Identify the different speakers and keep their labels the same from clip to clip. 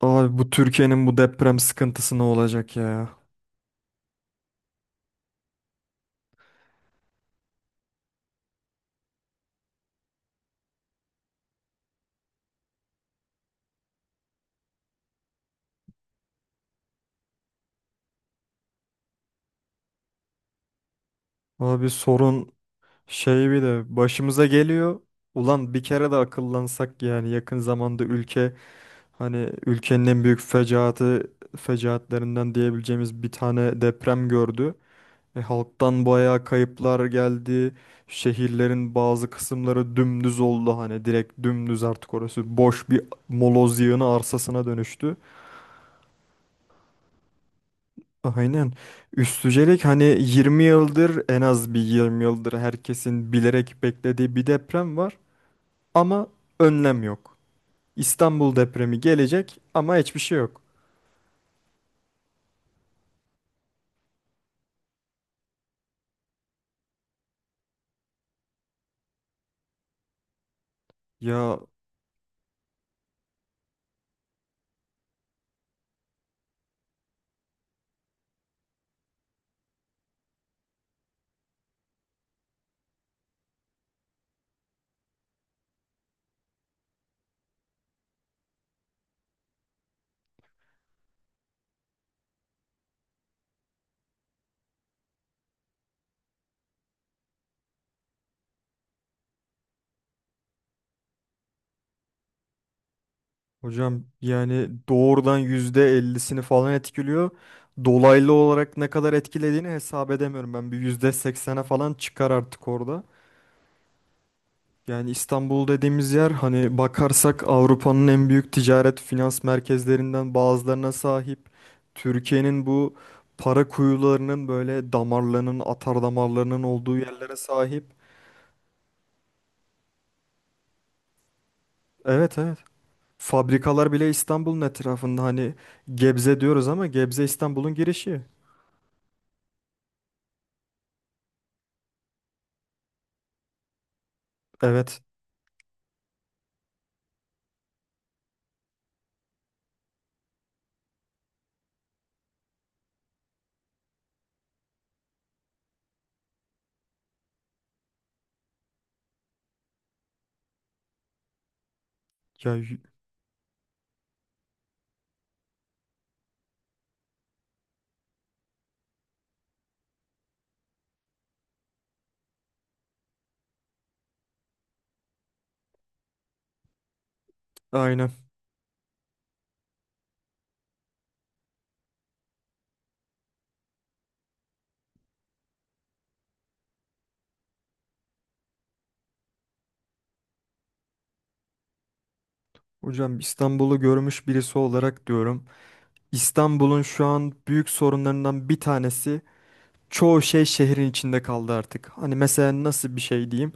Speaker 1: Abi bu Türkiye'nin bu deprem sıkıntısı ne olacak ya? Abi sorun şey bir de başımıza geliyor. Ulan bir kere de akıllansak yani yakın zamanda hani ülkenin en büyük fecaatlerinden diyebileceğimiz bir tane deprem gördü. Halktan bayağı kayıplar geldi. Şehirlerin bazı kısımları dümdüz oldu, hani direkt dümdüz, artık orası boş bir moloz yığını arsasına dönüştü. Aynen. Üstücelik hani 20 yıldır, en az bir 20 yıldır herkesin bilerek beklediği bir deprem var ama önlem yok. İstanbul depremi gelecek ama hiçbir şey yok. Ya hocam, yani doğrudan %50'sini falan etkiliyor. Dolaylı olarak ne kadar etkilediğini hesap edemiyorum. Ben bir %80'e falan çıkar artık orada. Yani İstanbul dediğimiz yer, hani bakarsak, Avrupa'nın en büyük ticaret finans merkezlerinden bazılarına sahip. Türkiye'nin bu para kuyularının, böyle damarlarının, atar damarlarının olduğu yerlere sahip. Evet, evet. Fabrikalar bile İstanbul'un etrafında, hani Gebze diyoruz ama Gebze İstanbul'un girişi. Evet. Ya y- aynen. Hocam, İstanbul'u görmüş birisi olarak diyorum. İstanbul'un şu an büyük sorunlarından bir tanesi, çoğu şey şehrin içinde kaldı artık. Hani mesela nasıl bir şey diyeyim?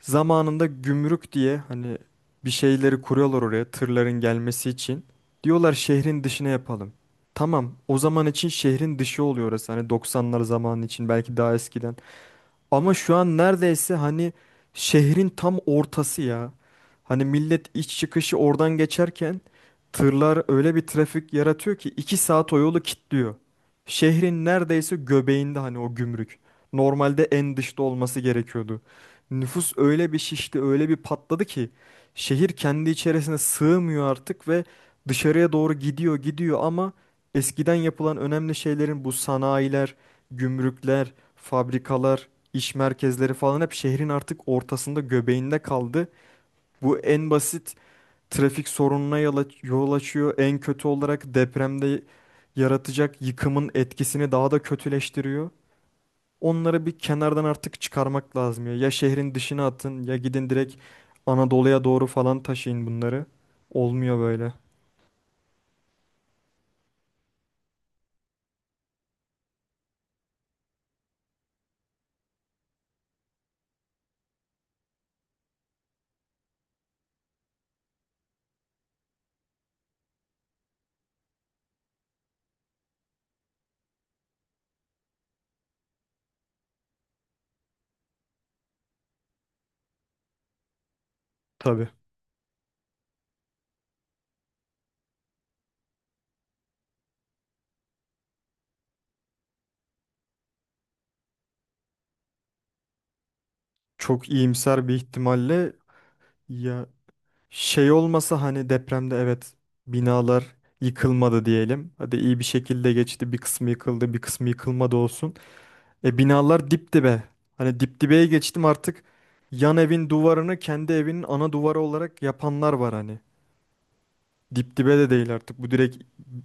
Speaker 1: Zamanında gümrük diye hani bir şeyleri kuruyorlar oraya, tırların gelmesi için. Diyorlar şehrin dışına yapalım. Tamam, o zaman için şehrin dışı oluyor orası. Hani 90'lar zamanı için, belki daha eskiden. Ama şu an neredeyse hani şehrin tam ortası ya. Hani millet iç çıkışı oradan geçerken tırlar öyle bir trafik yaratıyor ki 2 saat o yolu kilitliyor. Şehrin neredeyse göbeğinde hani o gümrük. Normalde en dışta olması gerekiyordu. Nüfus öyle bir şişti, öyle bir patladı ki şehir kendi içerisine sığmıyor artık ve dışarıya doğru gidiyor, gidiyor, ama eskiden yapılan önemli şeylerin, bu sanayiler, gümrükler, fabrikalar, iş merkezleri falan hep şehrin artık ortasında, göbeğinde kaldı. Bu en basit trafik sorununa yol açıyor. En kötü olarak depremde yaratacak yıkımın etkisini daha da kötüleştiriyor. Onları bir kenardan artık çıkarmak lazım ya. Ya şehrin dışına atın, ya gidin direkt Anadolu'ya doğru falan taşıyın bunları. Olmuyor böyle. Tabii. Çok iyimser bir ihtimalle ya, şey olmasa, hani depremde, evet, binalar yıkılmadı diyelim. Hadi iyi bir şekilde geçti. Bir kısmı yıkıldı, bir kısmı yıkılmadı olsun. Binalar dip dibe. Hani dip dibeye geçtim artık, yan evin duvarını kendi evinin ana duvarı olarak yapanlar var hani. Dip dibe de değil artık. Bu direkt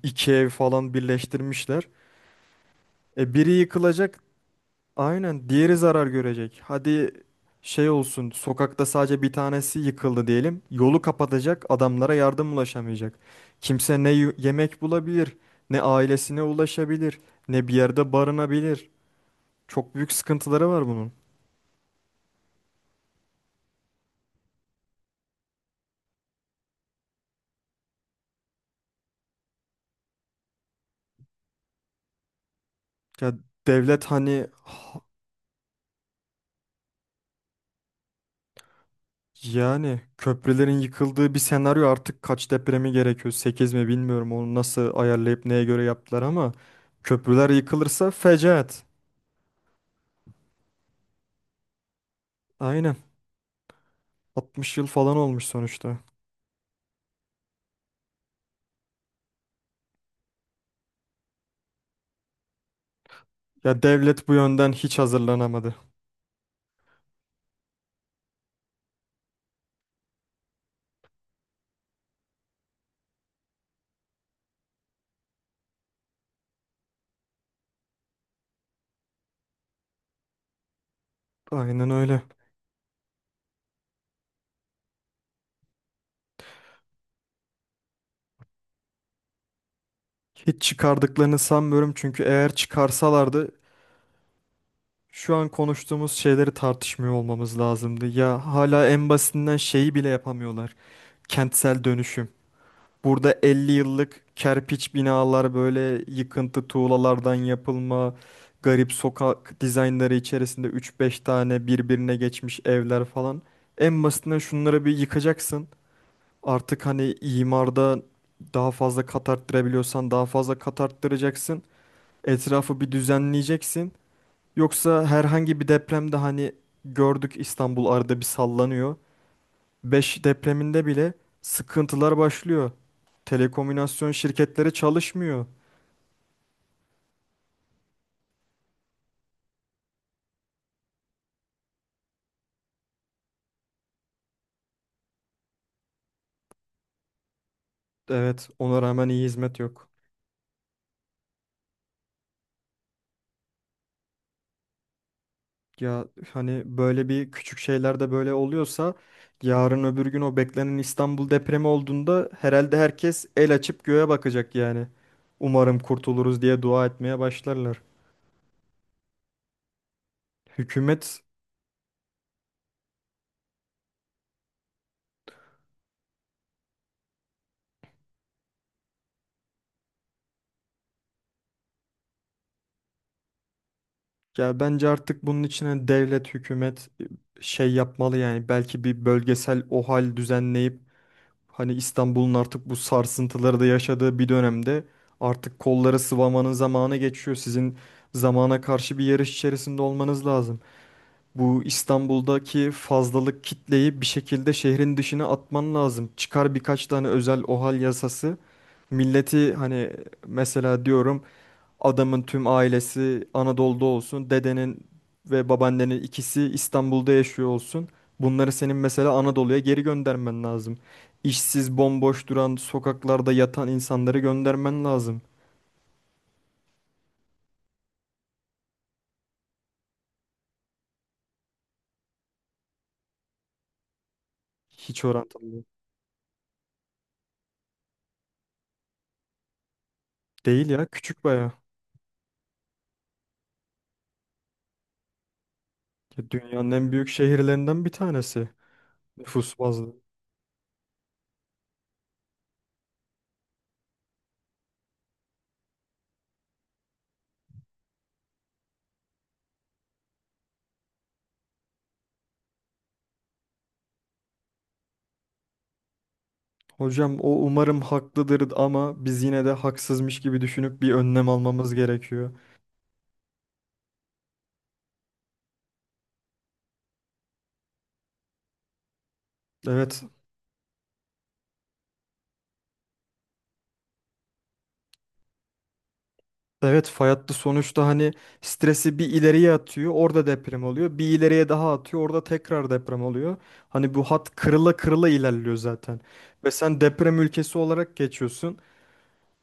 Speaker 1: iki ev falan birleştirmişler. Biri yıkılacak. Aynen, diğeri zarar görecek. Hadi şey olsun, sokakta sadece bir tanesi yıkıldı diyelim. Yolu kapatacak, adamlara yardım ulaşamayacak. Kimse ne yemek bulabilir, ne ailesine ulaşabilir, ne bir yerde barınabilir. Çok büyük sıkıntıları var bunun. Ya devlet hani ha- yani köprülerin yıkıldığı bir senaryo artık kaç depremi gerekiyor? 8 mi, bilmiyorum onu nasıl ayarlayıp neye göre yaptılar, ama köprüler yıkılırsa fecaat. Aynen. 60 yıl falan olmuş sonuçta. Ya devlet bu yönden hiç hazırlanamadı. Aynen öyle. Hiç çıkardıklarını sanmıyorum, çünkü eğer çıkarsalardı şu an konuştuğumuz şeyleri tartışmıyor olmamız lazımdı. Ya hala en basitinden şeyi bile yapamıyorlar. Kentsel dönüşüm. Burada 50 yıllık kerpiç binalar, böyle yıkıntı tuğlalardan yapılma, garip sokak dizaynları içerisinde 3-5 tane birbirine geçmiş evler falan. En basitinden şunları bir yıkacaksın. Artık hani imarda daha fazla kat arttırabiliyorsan daha fazla kat arttıracaksın. Etrafı bir düzenleyeceksin. Yoksa herhangi bir depremde, hani gördük, İstanbul arada bir sallanıyor. Beş depreminde bile sıkıntılar başlıyor. Telekomünasyon şirketleri çalışmıyor. Evet, ona rağmen iyi hizmet yok. Ya hani böyle bir küçük şeyler de böyle oluyorsa, yarın öbür gün o beklenen İstanbul depremi olduğunda herhalde herkes el açıp göğe bakacak yani. Umarım kurtuluruz diye dua etmeye başlarlar. Hükümet Ya bence artık bunun içine devlet, hükümet, şey yapmalı, yani belki bir bölgesel OHAL düzenleyip, hani İstanbul'un artık bu sarsıntıları da yaşadığı bir dönemde, artık kolları sıvamanın zamanı geçiyor. Sizin zamana karşı bir yarış içerisinde olmanız lazım. Bu İstanbul'daki fazlalık kitleyi bir şekilde şehrin dışına atman lazım. Çıkar birkaç tane özel OHAL yasası. Milleti hani, mesela diyorum, adamın tüm ailesi Anadolu'da olsun. Dedenin ve babaannenin ikisi İstanbul'da yaşıyor olsun. Bunları senin mesela Anadolu'ya geri göndermen lazım. İşsiz, bomboş duran, sokaklarda yatan insanları göndermen lazım. Hiç orantılı değil ya, küçük baya. Ya dünyanın en büyük şehirlerinden bir tanesi nüfus bazlı. Hocam, o umarım haklıdır, ama biz yine de haksızmış gibi düşünüp bir önlem almamız gerekiyor. Evet, evet, fay hattı sonuçta, hani stresi bir ileriye atıyor, orada deprem oluyor. Bir ileriye daha atıyor, orada tekrar deprem oluyor. Hani bu hat kırıla kırıla ilerliyor zaten. Ve sen deprem ülkesi olarak geçiyorsun.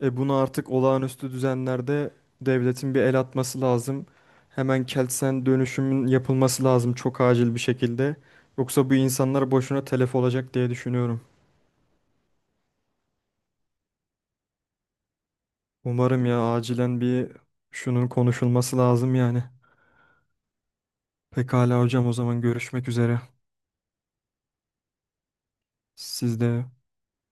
Speaker 1: Bunu artık olağanüstü düzenlerde devletin bir el atması lazım. Hemen Kelsen dönüşümün yapılması lazım, çok acil bir şekilde. Yoksa bu insanlar boşuna telef olacak diye düşünüyorum. Umarım ya, acilen bir şunun konuşulması lazım yani. Pekala hocam, o zaman görüşmek üzere. Siz de